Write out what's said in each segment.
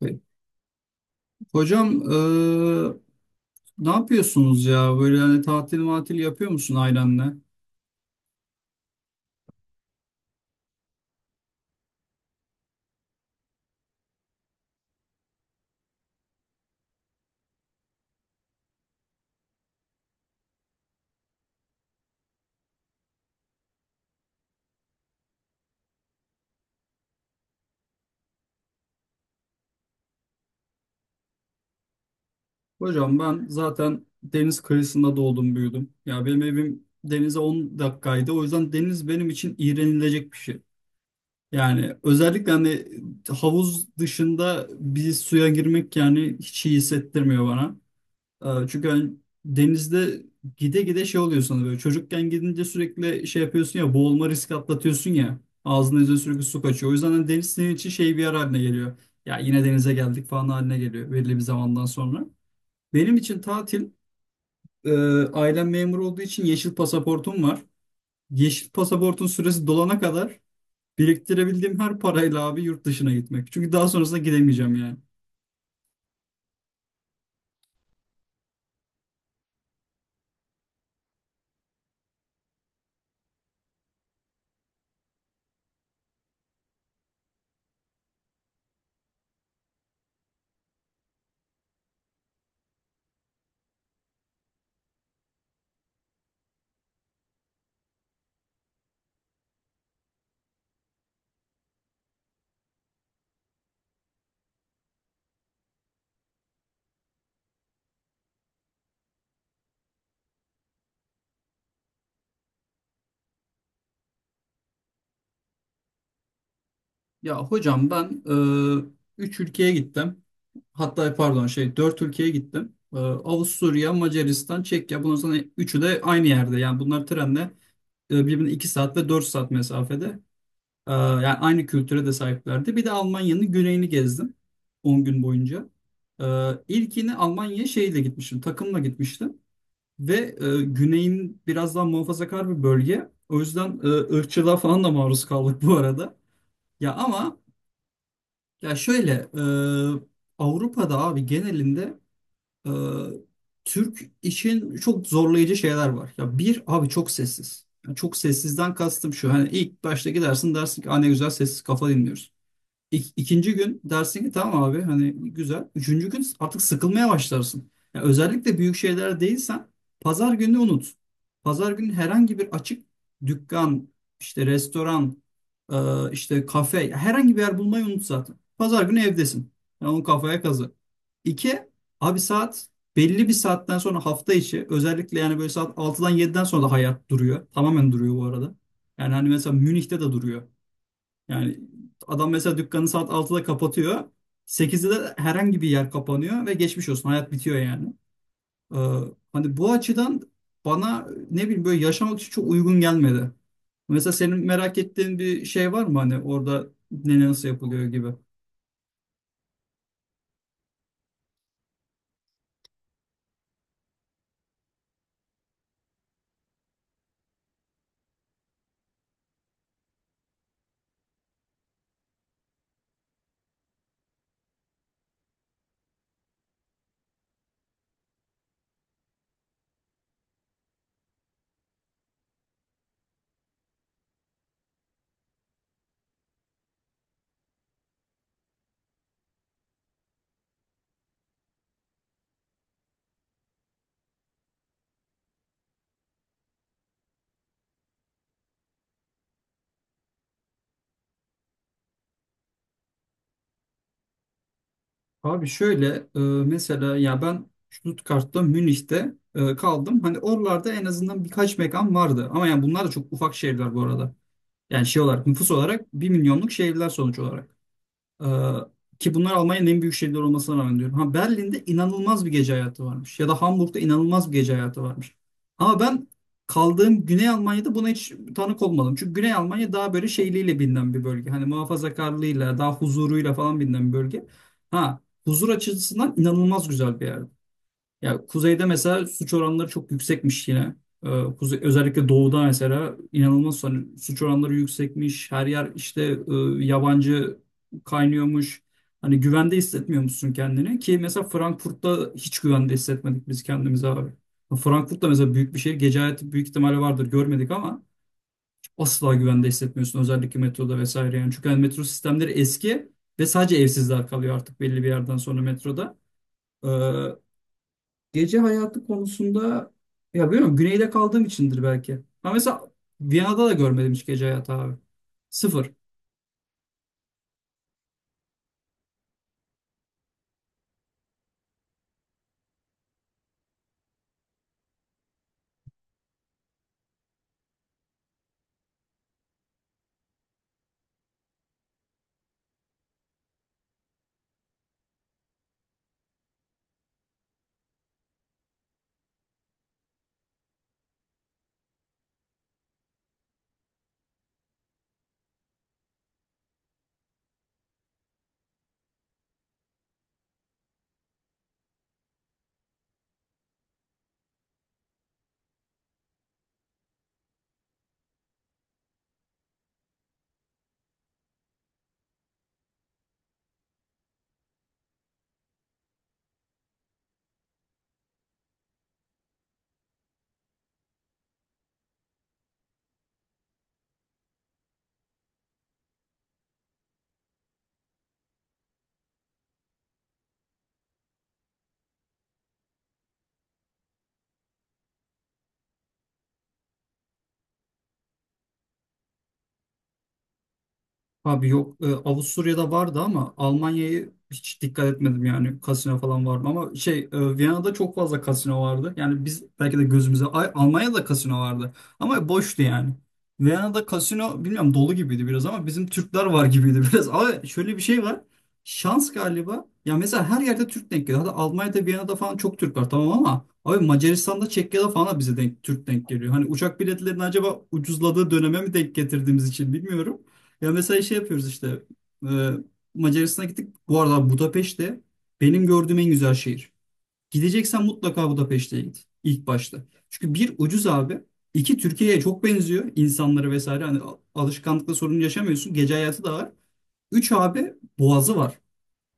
Peki. Hocam ne yapıyorsunuz ya? Böyle hani tatil matil yapıyor musun ailenle? Hocam ben zaten deniz kıyısında doğdum büyüdüm. Ya benim evim denize 10 dakikaydı. O yüzden deniz benim için iğrenilecek bir şey. Yani özellikle hani havuz dışında bir suya girmek yani hiç iyi hissettirmiyor bana. Çünkü hani denizde gide gide şey oluyor sana böyle çocukken gidince sürekli şey yapıyorsun ya boğulma riski atlatıyorsun ya ağzına yüzüne sürekli su kaçıyor. O yüzden hani deniz senin için şey bir yer haline geliyor. Ya yine denize geldik falan haline geliyor belirli bir zamandan sonra. Benim için tatil e, ailem memur olduğu için yeşil pasaportum var. Yeşil pasaportun süresi dolana kadar biriktirebildiğim her parayla abi yurt dışına gitmek. Çünkü daha sonrasında gidemeyeceğim yani. Ya hocam ben 3 ülkeye gittim. Hatta pardon şey 4 ülkeye gittim. Avusturya, Macaristan, Çekya. Bundan sonra üçü de aynı yerde. Yani bunlar trenle birbirine 2 saat ve 4 saat mesafede. Yani aynı kültüre de sahiplerdi. Bir de Almanya'nın güneyini gezdim 10 gün boyunca. E, ilkini Almanya'ya şeyle gitmiştim. Takımla gitmiştim. Ve güneyin biraz daha muhafazakar bir bölge. O yüzden ırkçılığa falan da maruz kaldık bu arada. Ya ama ya şöyle Avrupa'da abi genelinde e, Türk için çok zorlayıcı şeyler var. Ya bir abi çok sessiz. Yani çok sessizden kastım şu. Hani ilk başta gidersin dersin ki "Aa, ne güzel sessiz kafa dinliyoruz." İkinci gün dersin ki tamam abi hani güzel. Üçüncü gün artık sıkılmaya başlarsın. Yani özellikle büyük şeyler değilsen pazar günü unut. Pazar günü herhangi bir açık dükkan, işte restoran, işte kafe herhangi bir yer bulmayı unut zaten. Pazar günü evdesin. Yani onu kafaya kazı. İki, abi saat belli bir saatten sonra hafta içi özellikle yani böyle saat 6'dan 7'den sonra da hayat duruyor. Tamamen duruyor bu arada. Yani hani mesela Münih'te de duruyor. Yani adam mesela dükkanı saat 6'da kapatıyor. 8'de de herhangi bir yer kapanıyor ve geçmiş olsun hayat bitiyor yani. Ee, Hani bu açıdan bana ne bileyim böyle yaşamak için çok uygun gelmedi. Mesela senin merak ettiğin bir şey var mı hani orada ne nasıl yapılıyor gibi? Abi şöyle e, mesela ya ben Stuttgart'ta Münih'te kaldım. Hani oralarda en azından birkaç mekan vardı. Ama yani bunlar da çok ufak şehirler bu arada. Yani şey olarak nüfus olarak bir milyonluk şehirler sonuç olarak. Ee, ki bunlar Almanya'nın en büyük şehirleri olmasına rağmen diyorum. Ha Berlin'de inanılmaz bir gece hayatı varmış. Ya da Hamburg'da inanılmaz bir gece hayatı varmış. Ama ben kaldığım Güney Almanya'da buna hiç tanık olmadım. Çünkü Güney Almanya daha böyle şeyliğiyle bilinen bir bölge. Hani muhafazakarlığıyla, daha huzuruyla falan bilinen bir bölge. Ha huzur açısından inanılmaz güzel bir yer. Ya kuzeyde mesela suç oranları çok yüksekmiş yine. Ee, Özellikle doğuda mesela inanılmaz hani suç oranları yüksekmiş. Her yer işte yabancı kaynıyormuş. Hani güvende hissetmiyor musun kendini? Ki mesela Frankfurt'ta hiç güvende hissetmedik biz kendimizi abi. Frankfurt'ta mesela büyük bir şehir. Gece hayatı büyük ihtimalle vardır görmedik ama asla güvende hissetmiyorsun. Özellikle metroda vesaire yani. Çünkü hani metro sistemleri eski ve sadece evsizler kalıyor artık belli bir yerden sonra metroda. Ee, Gece hayatı konusunda ya bilmiyorum güneyde kaldığım içindir belki. Ama mesela Viyana'da da görmedim hiç gece hayatı abi. Sıfır. Abi yok Avusturya'da vardı ama Almanya'yı hiç dikkat etmedim yani kasino falan var mı ama şey Viyana'da çok fazla kasino vardı. Yani biz belki de gözümüze ay, Almanya'da kasino vardı ama boştu yani. Viyana'da kasino bilmiyorum dolu gibiydi biraz ama bizim Türkler var gibiydi biraz. Ama şöyle bir şey var. Şans galiba. Ya mesela her yerde Türk denk geliyor. Hatta Almanya'da, Viyana'da falan çok Türk var tamam ama abi Macaristan'da, Çekya'da falan da bize denk Türk denk geliyor. Hani uçak biletlerinin acaba ucuzladığı döneme mi denk getirdiğimiz için bilmiyorum. Ya mesela şey yapıyoruz işte. e, Macaristan'a gittik. Bu arada Budapeşte benim gördüğüm en güzel şehir. Gideceksen mutlaka Budapeşte'ye git ilk başta. Çünkü bir ucuz abi. İki Türkiye'ye çok benziyor insanları vesaire. Hani alışkanlıkla sorun yaşamıyorsun. Gece hayatı da var. Üç abi boğazı var.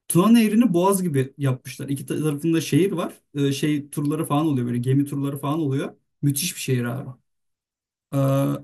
Tuna Nehri'ni boğaz gibi yapmışlar. İki tarafında şehir var. Şey turları falan oluyor böyle gemi turları falan oluyor. Müthiş bir şehir abi. Ee,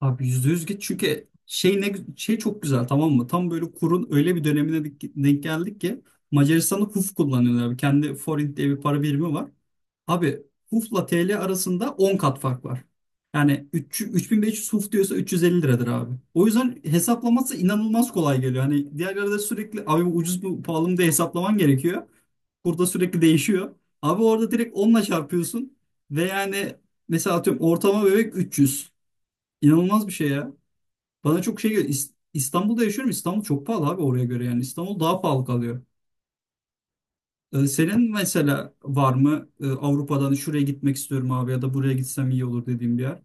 Abi %100 git çünkü şey ne şey çok güzel tamam mı? Tam böyle kurun öyle bir dönemine denk geldik ki Macaristan'da HUF kullanıyorlar abi. Kendi forint diye bir para birimi var. Abi HUF'la TL arasında 10 kat fark var. Yani 3, 3500 HUF diyorsa 350 liradır abi. O yüzden hesaplaması inanılmaz kolay geliyor. Hani diğerlerde sürekli abi bu ucuz mu pahalı mı diye hesaplaman gerekiyor. Burada sürekli değişiyor. Abi orada direkt onla çarpıyorsun ve yani mesela atıyorum ortama bebek 300. İnanılmaz bir şey ya. Bana çok şey geliyor. İstanbul'da yaşıyorum. İstanbul çok pahalı abi oraya göre yani. İstanbul daha pahalı kalıyor. Senin mesela var mı Avrupa'dan şuraya gitmek istiyorum abi ya da buraya gitsem iyi olur dediğim bir yer?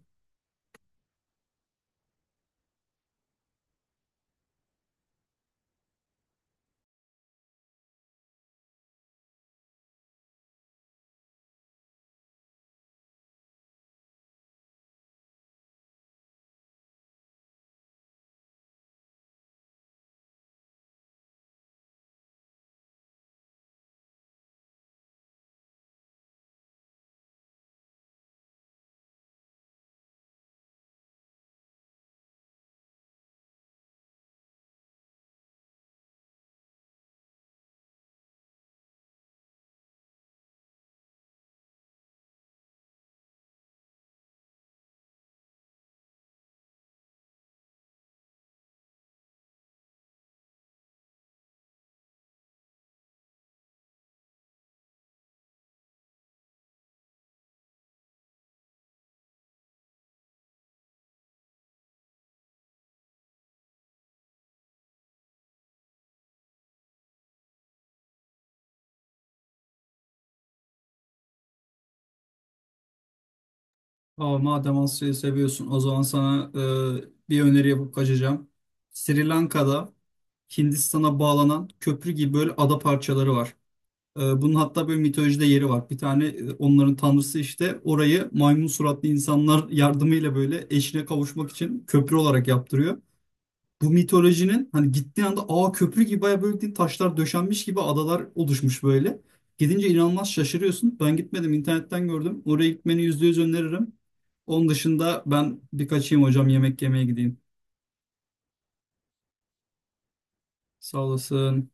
Aa, madem Asya'yı seviyorsun o zaman sana bir öneri yapıp kaçacağım. Sri Lanka'da Hindistan'a bağlanan köprü gibi böyle ada parçaları var. Bunun hatta böyle mitolojide yeri var. Bir tane onların tanrısı işte orayı maymun suratlı insanlar yardımıyla böyle eşine kavuşmak için köprü olarak yaptırıyor. Bu mitolojinin hani gittiği anda ağ köprü gibi baya böyle değil, taşlar döşenmiş gibi adalar oluşmuş böyle. Gidince inanılmaz şaşırıyorsun. Ben gitmedim internetten gördüm. Oraya gitmeni %100 öneririm. Onun dışında ben bir kaçayım hocam yemek yemeye gideyim. Sağ olasın.